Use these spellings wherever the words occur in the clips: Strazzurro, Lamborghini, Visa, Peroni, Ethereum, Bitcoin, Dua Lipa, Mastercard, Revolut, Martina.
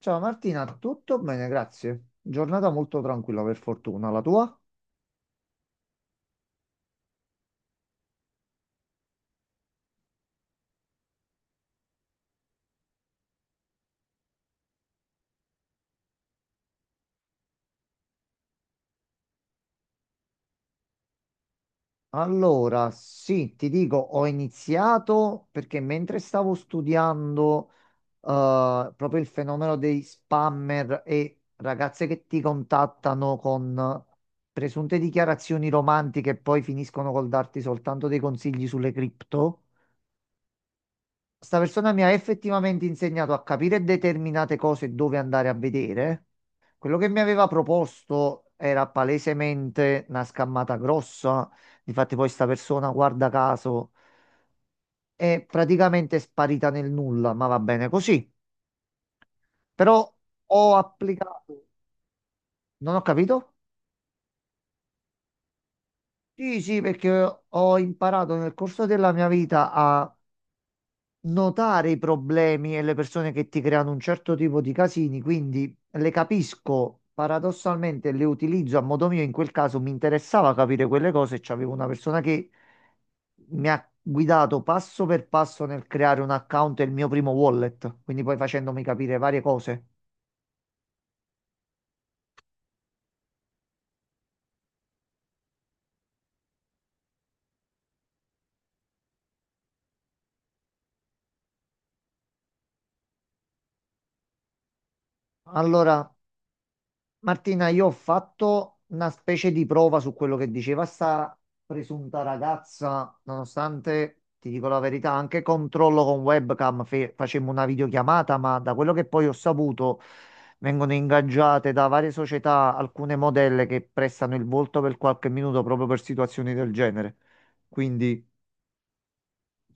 Ciao Martina, tutto bene, grazie. Giornata molto tranquilla per fortuna, la tua? Allora, sì, ti dico, ho iniziato perché mentre stavo studiando proprio il fenomeno dei spammer e ragazze che ti contattano con presunte dichiarazioni romantiche e poi finiscono col darti soltanto dei consigli sulle cripto, sta persona mi ha effettivamente insegnato a capire determinate cose e dove andare a vedere. Quello che mi aveva proposto era palesemente una scammata grossa. Difatti, poi sta persona, guarda caso, è praticamente sparita nel nulla, ma va bene così. Però ho applicato, non ho capito? Sì, sì, perché ho imparato nel corso della mia vita a notare i problemi e le persone che ti creano un certo tipo di casini, quindi le capisco, paradossalmente le utilizzo a modo mio, in quel caso mi interessava capire quelle cose, c'avevo una persona che mi ha guidato passo per passo nel creare un account e il mio primo wallet, quindi poi facendomi capire varie cose. Allora Martina, io ho fatto una specie di prova su quello che diceva sta presunta ragazza, nonostante, ti dico la verità, anche controllo con webcam, facemmo una videochiamata, ma da quello che poi ho saputo, vengono ingaggiate da varie società alcune modelle che prestano il volto per qualche minuto proprio per situazioni del genere. Quindi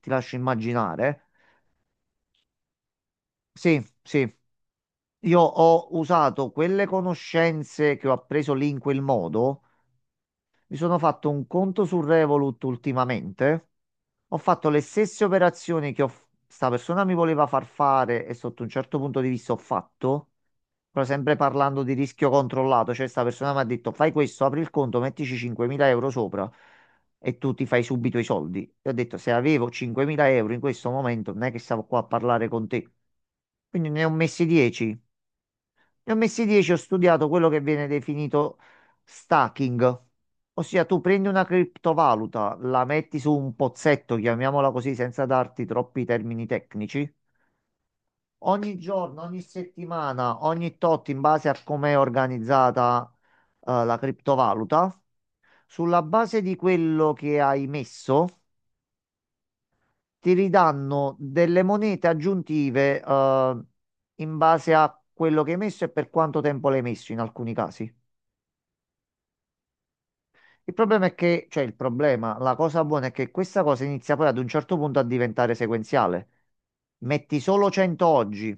ti lascio immaginare. Sì, sì. Io ho usato quelle conoscenze che ho appreso lì in quel modo. Mi sono fatto un conto su Revolut ultimamente. Ho fatto le stesse operazioni che ho, sta persona mi voleva far fare e sotto un certo punto di vista ho fatto, però sempre parlando di rischio controllato, cioè sta persona mi ha detto fai questo, apri il conto, mettici 5.000 euro sopra e tu ti fai subito i soldi. E ho detto se avevo 5.000 euro in questo momento non è che stavo qua a parlare con te. Quindi ne ho messi 10. Ne ho messi 10, ho studiato quello che viene definito stacking, ossia tu prendi una criptovaluta, la metti su un pozzetto, chiamiamola così, senza darti troppi termini tecnici. Ogni giorno, ogni settimana, ogni tot, in base a come è organizzata, la criptovaluta, sulla base di quello che hai messo, ti ridanno delle monete aggiuntive, in base a quello che hai messo e per quanto tempo l'hai messo in alcuni casi. Il problema è che, cioè il problema, la cosa buona è che questa cosa inizia poi ad un certo punto a diventare sequenziale. Metti solo 100 oggi,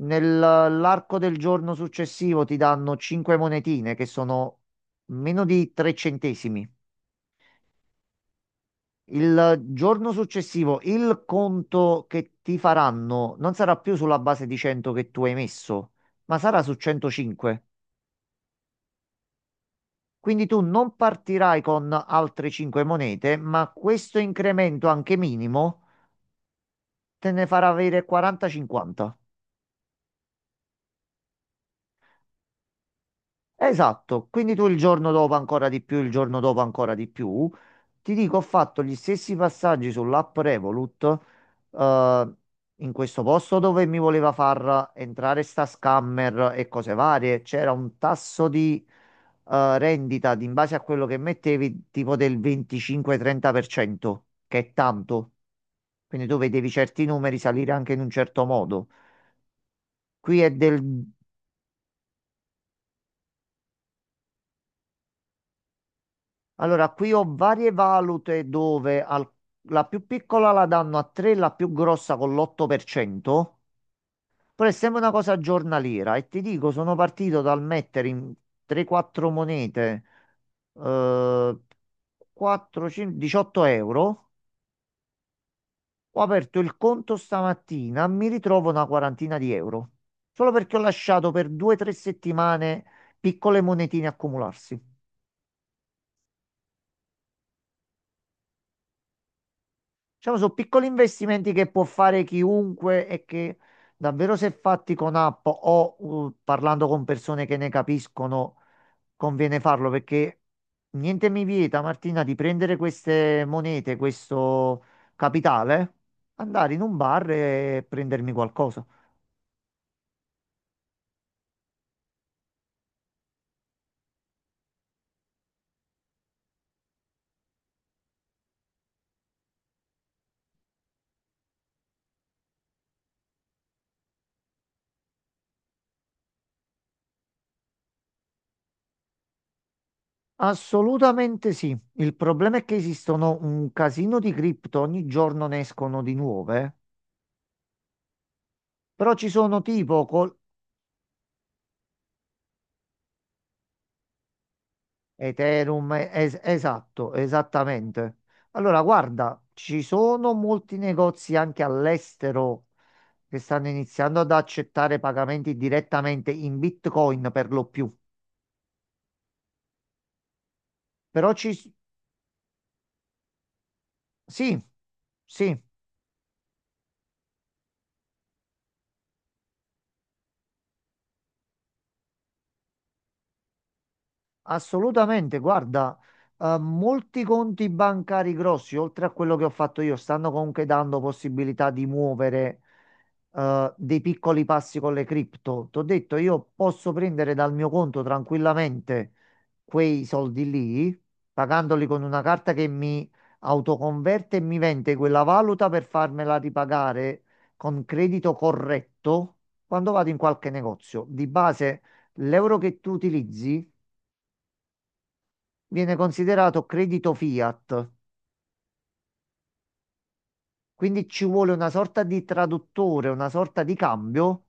nell'arco del giorno successivo ti danno 5 monetine che sono meno di 3 centesimi. Il giorno successivo il conto che ti faranno non sarà più sulla base di 100 che tu hai messo, ma sarà su 105. Quindi tu non partirai con altre 5 monete, ma questo incremento anche minimo te ne farà avere 40-50. Esatto, quindi tu il giorno dopo ancora di più, il giorno dopo ancora di più. Ti dico, ho fatto gli stessi passaggi sull'app Revolut, eh, in questo posto dove mi voleva far entrare sta scammer e cose varie. C'era un tasso di rendita in base a quello che mettevi, tipo del 25-30%, che è tanto. Quindi tu vedevi certi numeri salire anche in un certo modo. Qui è del. Allora, qui ho varie valute dove la più piccola la danno a 3, la più grossa con l'8%, però è sempre una cosa giornaliera e ti dico, sono partito dal mettere in 3-4 monete eh, 4, 5, 18 euro, ho aperto il conto stamattina, mi ritrovo una quarantina di euro, solo perché ho lasciato per 2-3 settimane piccole monetine accumularsi. Diciamo, sono piccoli investimenti che può fare chiunque e che davvero se fatti con app o parlando con persone che ne capiscono, conviene farlo perché niente mi vieta, Martina, di prendere queste monete, questo capitale, andare in un bar e prendermi qualcosa. Assolutamente sì. Il problema è che esistono un casino di cripto, ogni giorno ne escono di nuove. Però ci sono tipo Ethereum, esatto, esattamente. Allora, guarda, ci sono molti negozi anche all'estero che stanno iniziando ad accettare pagamenti direttamente in Bitcoin per lo più. Però ci... s- Sì, sì. Assolutamente, guarda, molti conti bancari grossi, oltre a quello che ho fatto io, stanno comunque dando possibilità di muovere dei piccoli passi con le cripto. Ti ho detto, io posso prendere dal mio conto tranquillamente quei soldi lì, pagandoli con una carta che mi autoconverte e mi vende quella valuta per farmela ripagare con credito corretto quando vado in qualche negozio. Di base, l'euro che tu utilizzi viene considerato credito fiat, quindi ci vuole una sorta di traduttore, una sorta di cambio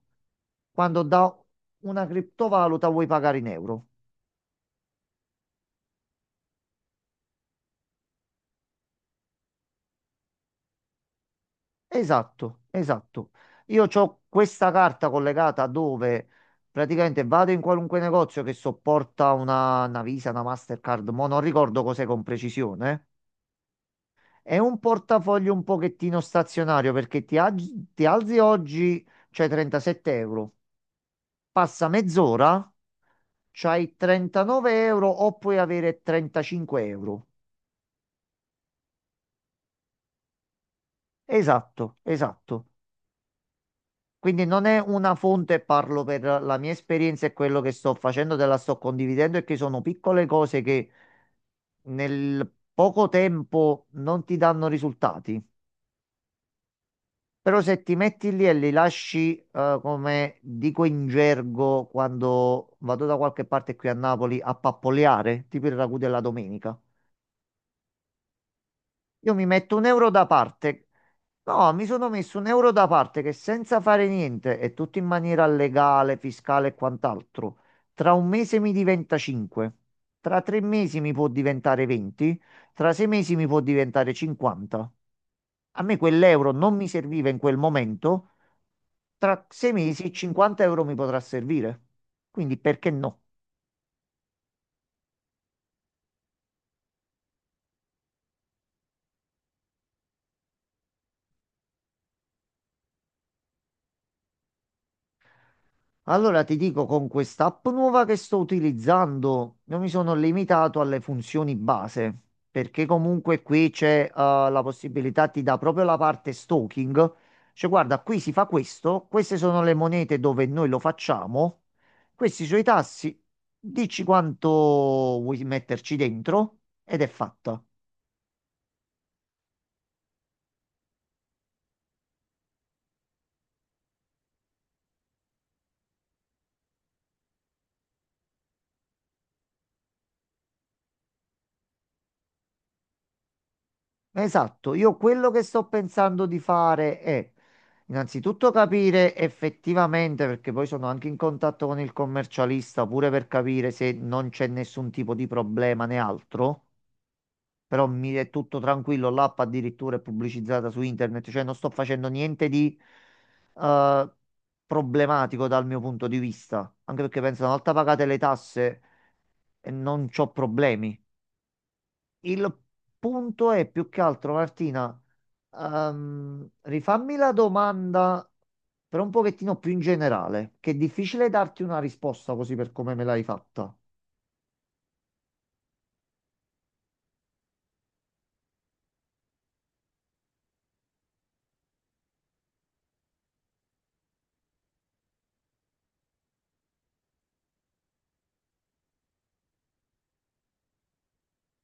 quando da una criptovaluta vuoi pagare in euro. Esatto, esatto. Io ho questa carta collegata dove praticamente vado in qualunque negozio che sopporta una Visa, una Mastercard, ma non ricordo cos'è con precisione. È un portafoglio un pochettino stazionario perché ti, ti alzi oggi, c'è 37 euro, passa mezz'ora c'hai 39 euro o puoi avere 35 euro. Esatto, esatto. Quindi non è una fonte, parlo per la mia esperienza e quello che sto facendo, te la sto condividendo e che sono piccole cose che nel poco tempo non ti danno risultati. Però se ti metti lì e li lasci, come dico in gergo quando vado da qualche parte qui a Napoli, a pappoleare, tipo il ragù della domenica. Io mi metto un euro da parte. No, mi sono messo un euro da parte che senza fare niente e tutto in maniera legale, fiscale e quant'altro, tra un mese mi diventa 5, tra 3 mesi mi può diventare 20, tra 6 mesi mi può diventare 50. A me quell'euro non mi serviva in quel momento, tra 6 mesi 50 euro mi potrà servire. Quindi perché no? Allora ti dico, con quest'app nuova che sto utilizzando, io mi sono limitato alle funzioni base, perché comunque qui c'è la possibilità, ti dà proprio la parte stalking, cioè guarda, qui si fa questo, queste sono le monete dove noi lo facciamo, questi sono i tassi, dici quanto vuoi metterci dentro ed è fatta. Esatto, io quello che sto pensando di fare è innanzitutto capire effettivamente, perché poi sono anche in contatto con il commercialista, pure per capire se non c'è nessun tipo di problema né altro, però mi è tutto tranquillo, l'app addirittura è pubblicizzata su internet, cioè non sto facendo niente di eh, problematico dal mio punto di vista, anche perché penso una volta pagate le tasse non c'ho problemi. Il punto è più che altro, Martina, rifammi la domanda però un pochettino più in generale, che è difficile darti una risposta così per come me l'hai fatta.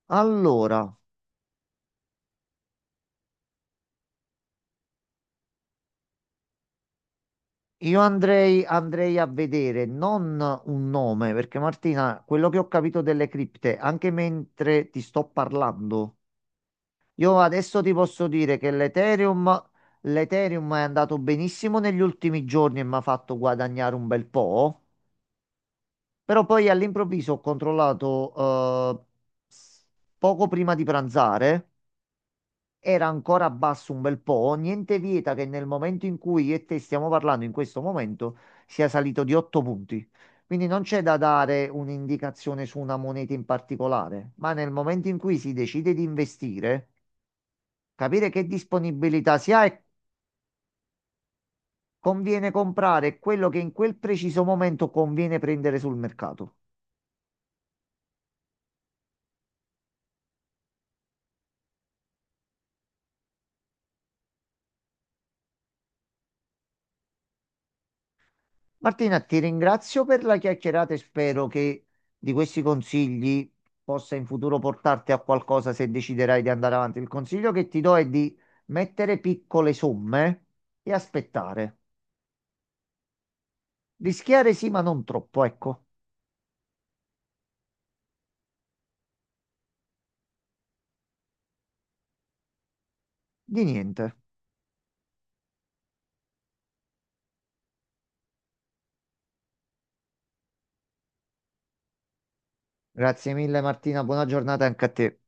Allora, io andrei a vedere non un nome, perché Martina, quello che ho capito delle cripte, anche mentre ti sto parlando, io adesso ti posso dire che l'Ethereum è andato benissimo negli ultimi giorni e mi ha fatto guadagnare un bel po'. Però poi all'improvviso ho controllato, eh, poco prima di pranzare, era ancora basso un bel po', niente vieta che nel momento in cui io e te stiamo parlando in questo momento sia salito di 8 punti. Quindi non c'è da dare un'indicazione su una moneta in particolare, ma nel momento in cui si decide di investire, capire che disponibilità si ha e conviene comprare quello che in quel preciso momento conviene prendere sul mercato. Martina, ti ringrazio per la chiacchierata e spero che di questi consigli possa in futuro portarti a qualcosa se deciderai di andare avanti. Il consiglio che ti do è di mettere piccole somme e aspettare. Rischiare sì, ma non troppo, ecco, di niente. Grazie mille Martina, buona giornata anche a te.